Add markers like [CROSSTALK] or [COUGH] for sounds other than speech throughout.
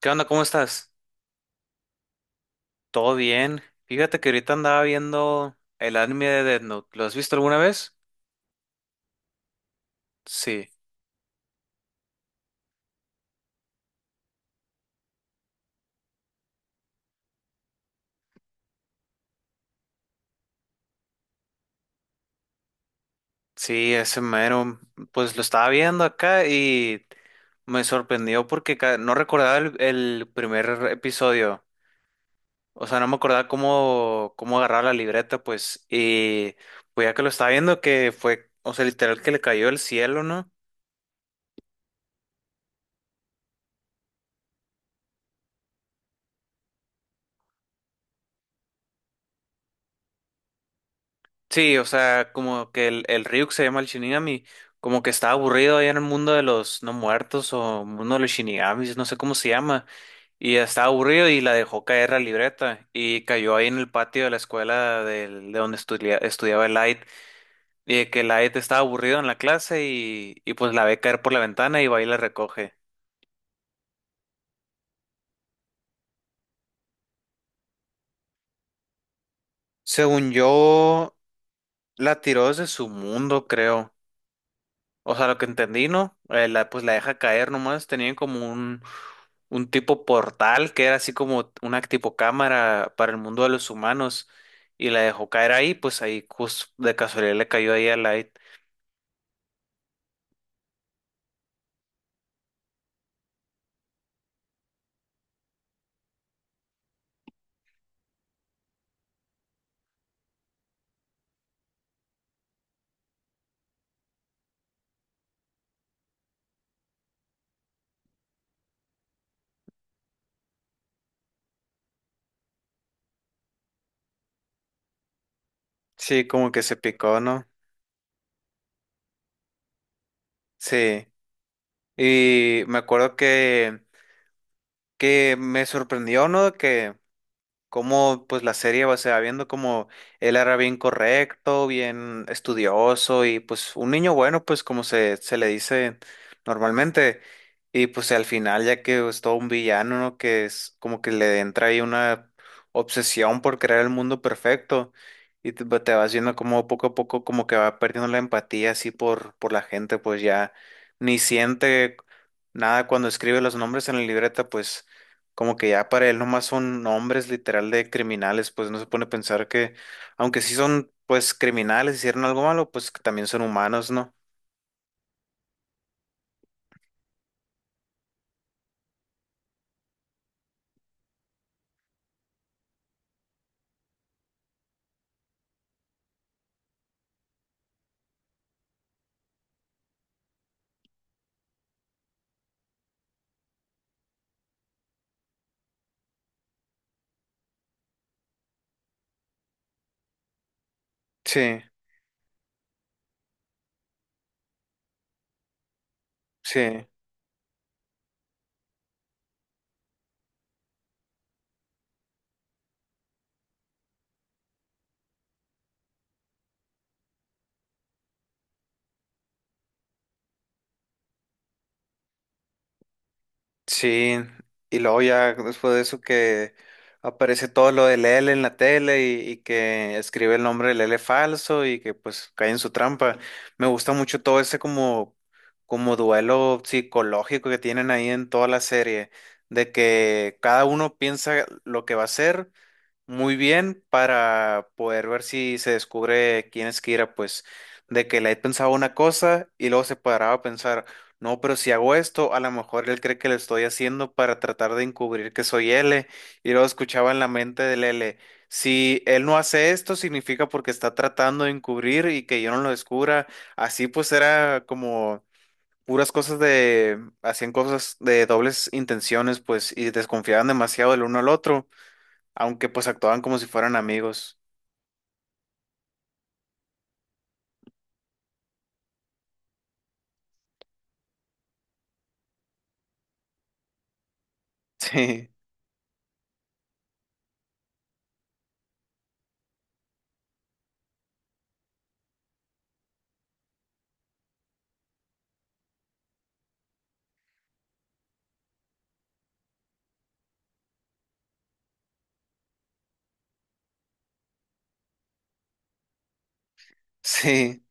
¿Qué onda? ¿Cómo estás? ¿Todo bien? Fíjate que ahorita andaba viendo el anime de Death Note. ¿Lo has visto alguna vez? Sí, sí, ese mero. Pues lo estaba viendo acá y me sorprendió porque no recordaba el primer episodio. O sea, no me acordaba cómo agarrar la libreta, pues. Y pues ya que lo estaba viendo, que fue, o sea, literal que le cayó el cielo, ¿no? Sí, o sea, como que el Ryuk se llama el Shinigami, como que está aburrido allá en el mundo de los no muertos o mundo de los Shinigamis, no sé cómo se llama, y estaba aburrido y la dejó caer la libreta y cayó ahí en el patio de la escuela donde estudiaba el Light, y de que Light estaba aburrido en la clase y pues la ve caer por la ventana y va y la recoge. Según yo, la tiró desde su mundo, creo. O sea, lo que entendí, ¿no? Pues la deja caer nomás. Tenían como un tipo portal que era así como una tipo cámara para el mundo de los humanos. Y la dejó caer ahí, pues ahí de casualidad le cayó ahí a Light. Sí, como que se picó, ¿no? Sí. Y me acuerdo que me sorprendió, ¿no? Que cómo pues la serie se va viendo como él era bien correcto, bien estudioso y pues un niño bueno, pues como se le dice normalmente. Y pues al final, ya que es todo un villano, ¿no? Que es como que le entra ahí una obsesión por crear el mundo perfecto. Y te, pues, te vas viendo como poco a poco como que va perdiendo la empatía así por la gente, pues ya ni siente nada cuando escribe los nombres en la libreta, pues como que ya para él nomás son nombres literal de criminales, pues no se pone a pensar que, aunque sí son pues criminales, hicieron algo malo, pues que también son humanos, ¿no? Sí, sí, sí. Y luego ya después de eso que aparece todo lo de Lele en la tele y que escribe el nombre de Lele falso y que pues cae en su trampa. Me gusta mucho todo ese como, como duelo psicológico que tienen ahí en toda la serie, de que cada uno piensa lo que va a hacer muy bien para poder ver si se descubre quién es Kira, pues de que Light pensaba una cosa y luego se paraba a pensar, no, pero si hago esto, a lo mejor él cree que lo estoy haciendo para tratar de encubrir que soy L y luego escuchaba en la mente del L, si él no hace esto significa porque está tratando de encubrir y que yo no lo descubra, así pues era como... puras cosas de, hacían cosas de dobles intenciones, pues, y desconfiaban demasiado del uno al otro aunque pues actuaban como si fueran amigos. [LAUGHS] Sí, sí,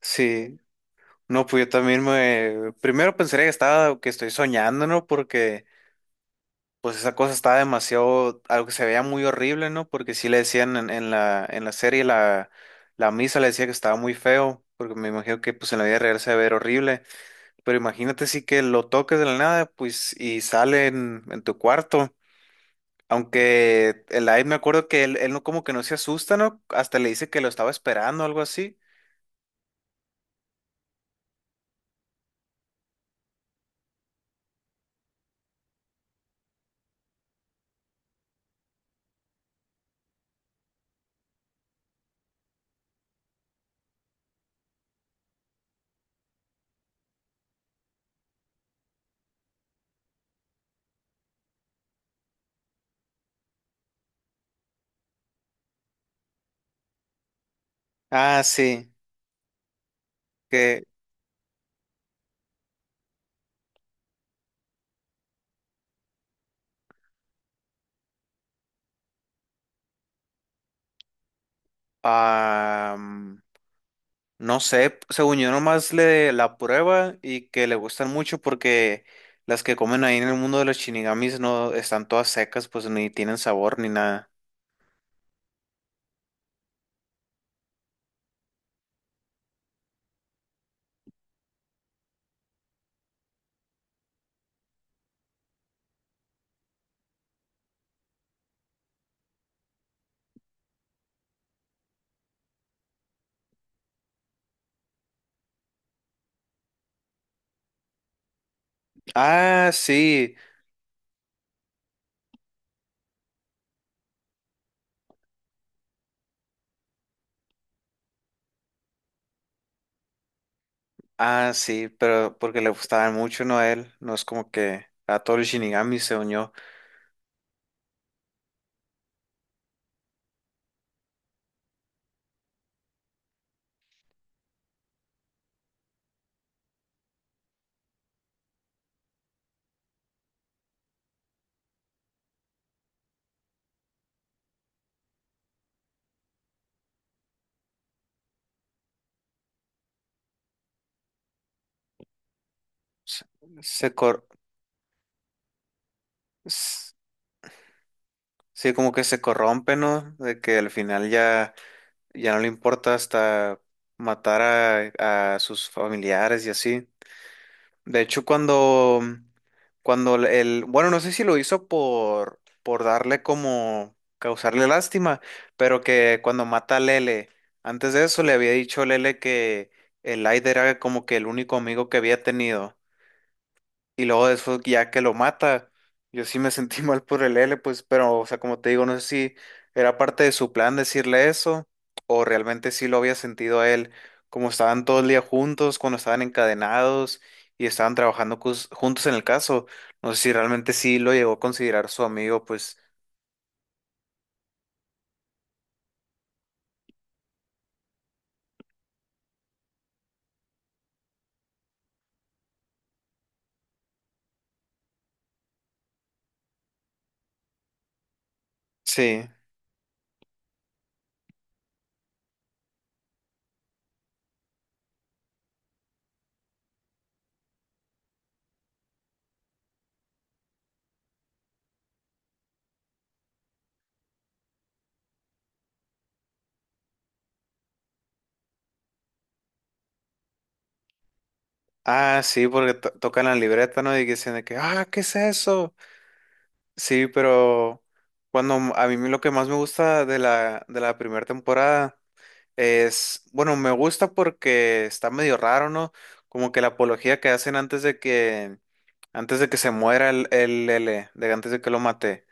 sí. No, pues yo también me... Primero pensé que estaba, que estoy soñando, ¿no? Porque pues esa cosa estaba demasiado, algo que se veía muy horrible, ¿no? Porque sí le decían en la serie, la misa le decía que estaba muy feo, porque me imagino que pues en la vida real se ve horrible. Pero imagínate sí que lo toques de la nada, pues, y sale en tu cuarto. Aunque el Aid me acuerdo que él no como que no se asusta, ¿no? Hasta le dice que lo estaba esperando o algo así. Ah, sí. Que am, no sé, según yo nomás le la prueba y que le gustan mucho porque las que comen ahí en el mundo de los shinigamis no están todas secas, pues ni tienen sabor ni nada. Ah, sí. Ah, sí, pero porque le gustaban mucho, ¿no? A él, no es como que a todos los shinigamis, según yo. Se, se cor- Sí, como que se corrompe, ¿no? De que al final ya, ya no le importa hasta matar a sus familiares y así. De hecho, cuando, cuando bueno, no sé si lo hizo por darle como, causarle lástima, pero que cuando mata a Lele, antes de eso le había dicho a Lele que el Aider era como que el único amigo que había tenido. Y luego después ya que lo mata, yo sí me sentí [LAUGHS] mal por el L, pues, pero, o sea, como te digo, no sé si era parte de su plan decirle eso, o realmente sí lo había sentido a él, como estaban todo el día juntos, cuando estaban encadenados y estaban trabajando juntos en el caso, no sé si realmente sí lo llegó a considerar su amigo, pues, sí. Ah, sí, porque tocan la libreta, ¿no? Y dicen de que, ah, ¿qué es eso? Sí, pero cuando a mí lo que más me gusta de de la primera temporada. Es, bueno, me gusta porque está medio raro, ¿no? Como que la apología que hacen antes de que se muera el L, de antes de que lo mate,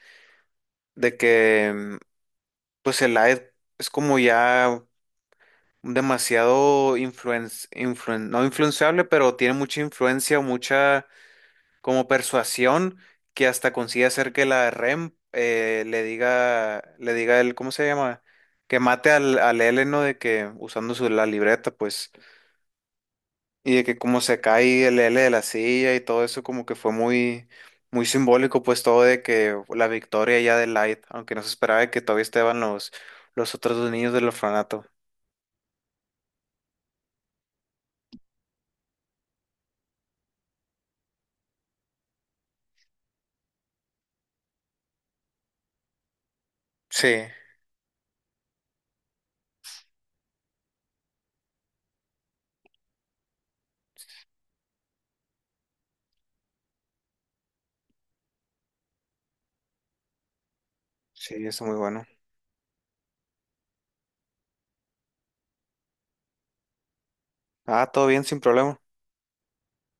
de que, mm, pues el Aed es como ya demasiado no influenciable, pero tiene mucha influencia, mucha como persuasión que hasta consigue hacer que la REM le diga el, ¿cómo se llama? Que mate al L, ¿no? De que usando su, la libreta, pues. Y de que como se cae el L de la silla y todo eso como que fue muy, muy simbólico, pues todo de que la victoria ya de Light, aunque no se esperaba de que todavía estaban los otros dos niños del orfanato. Sí, sí, eso muy bueno. Ah, todo bien, sin problema.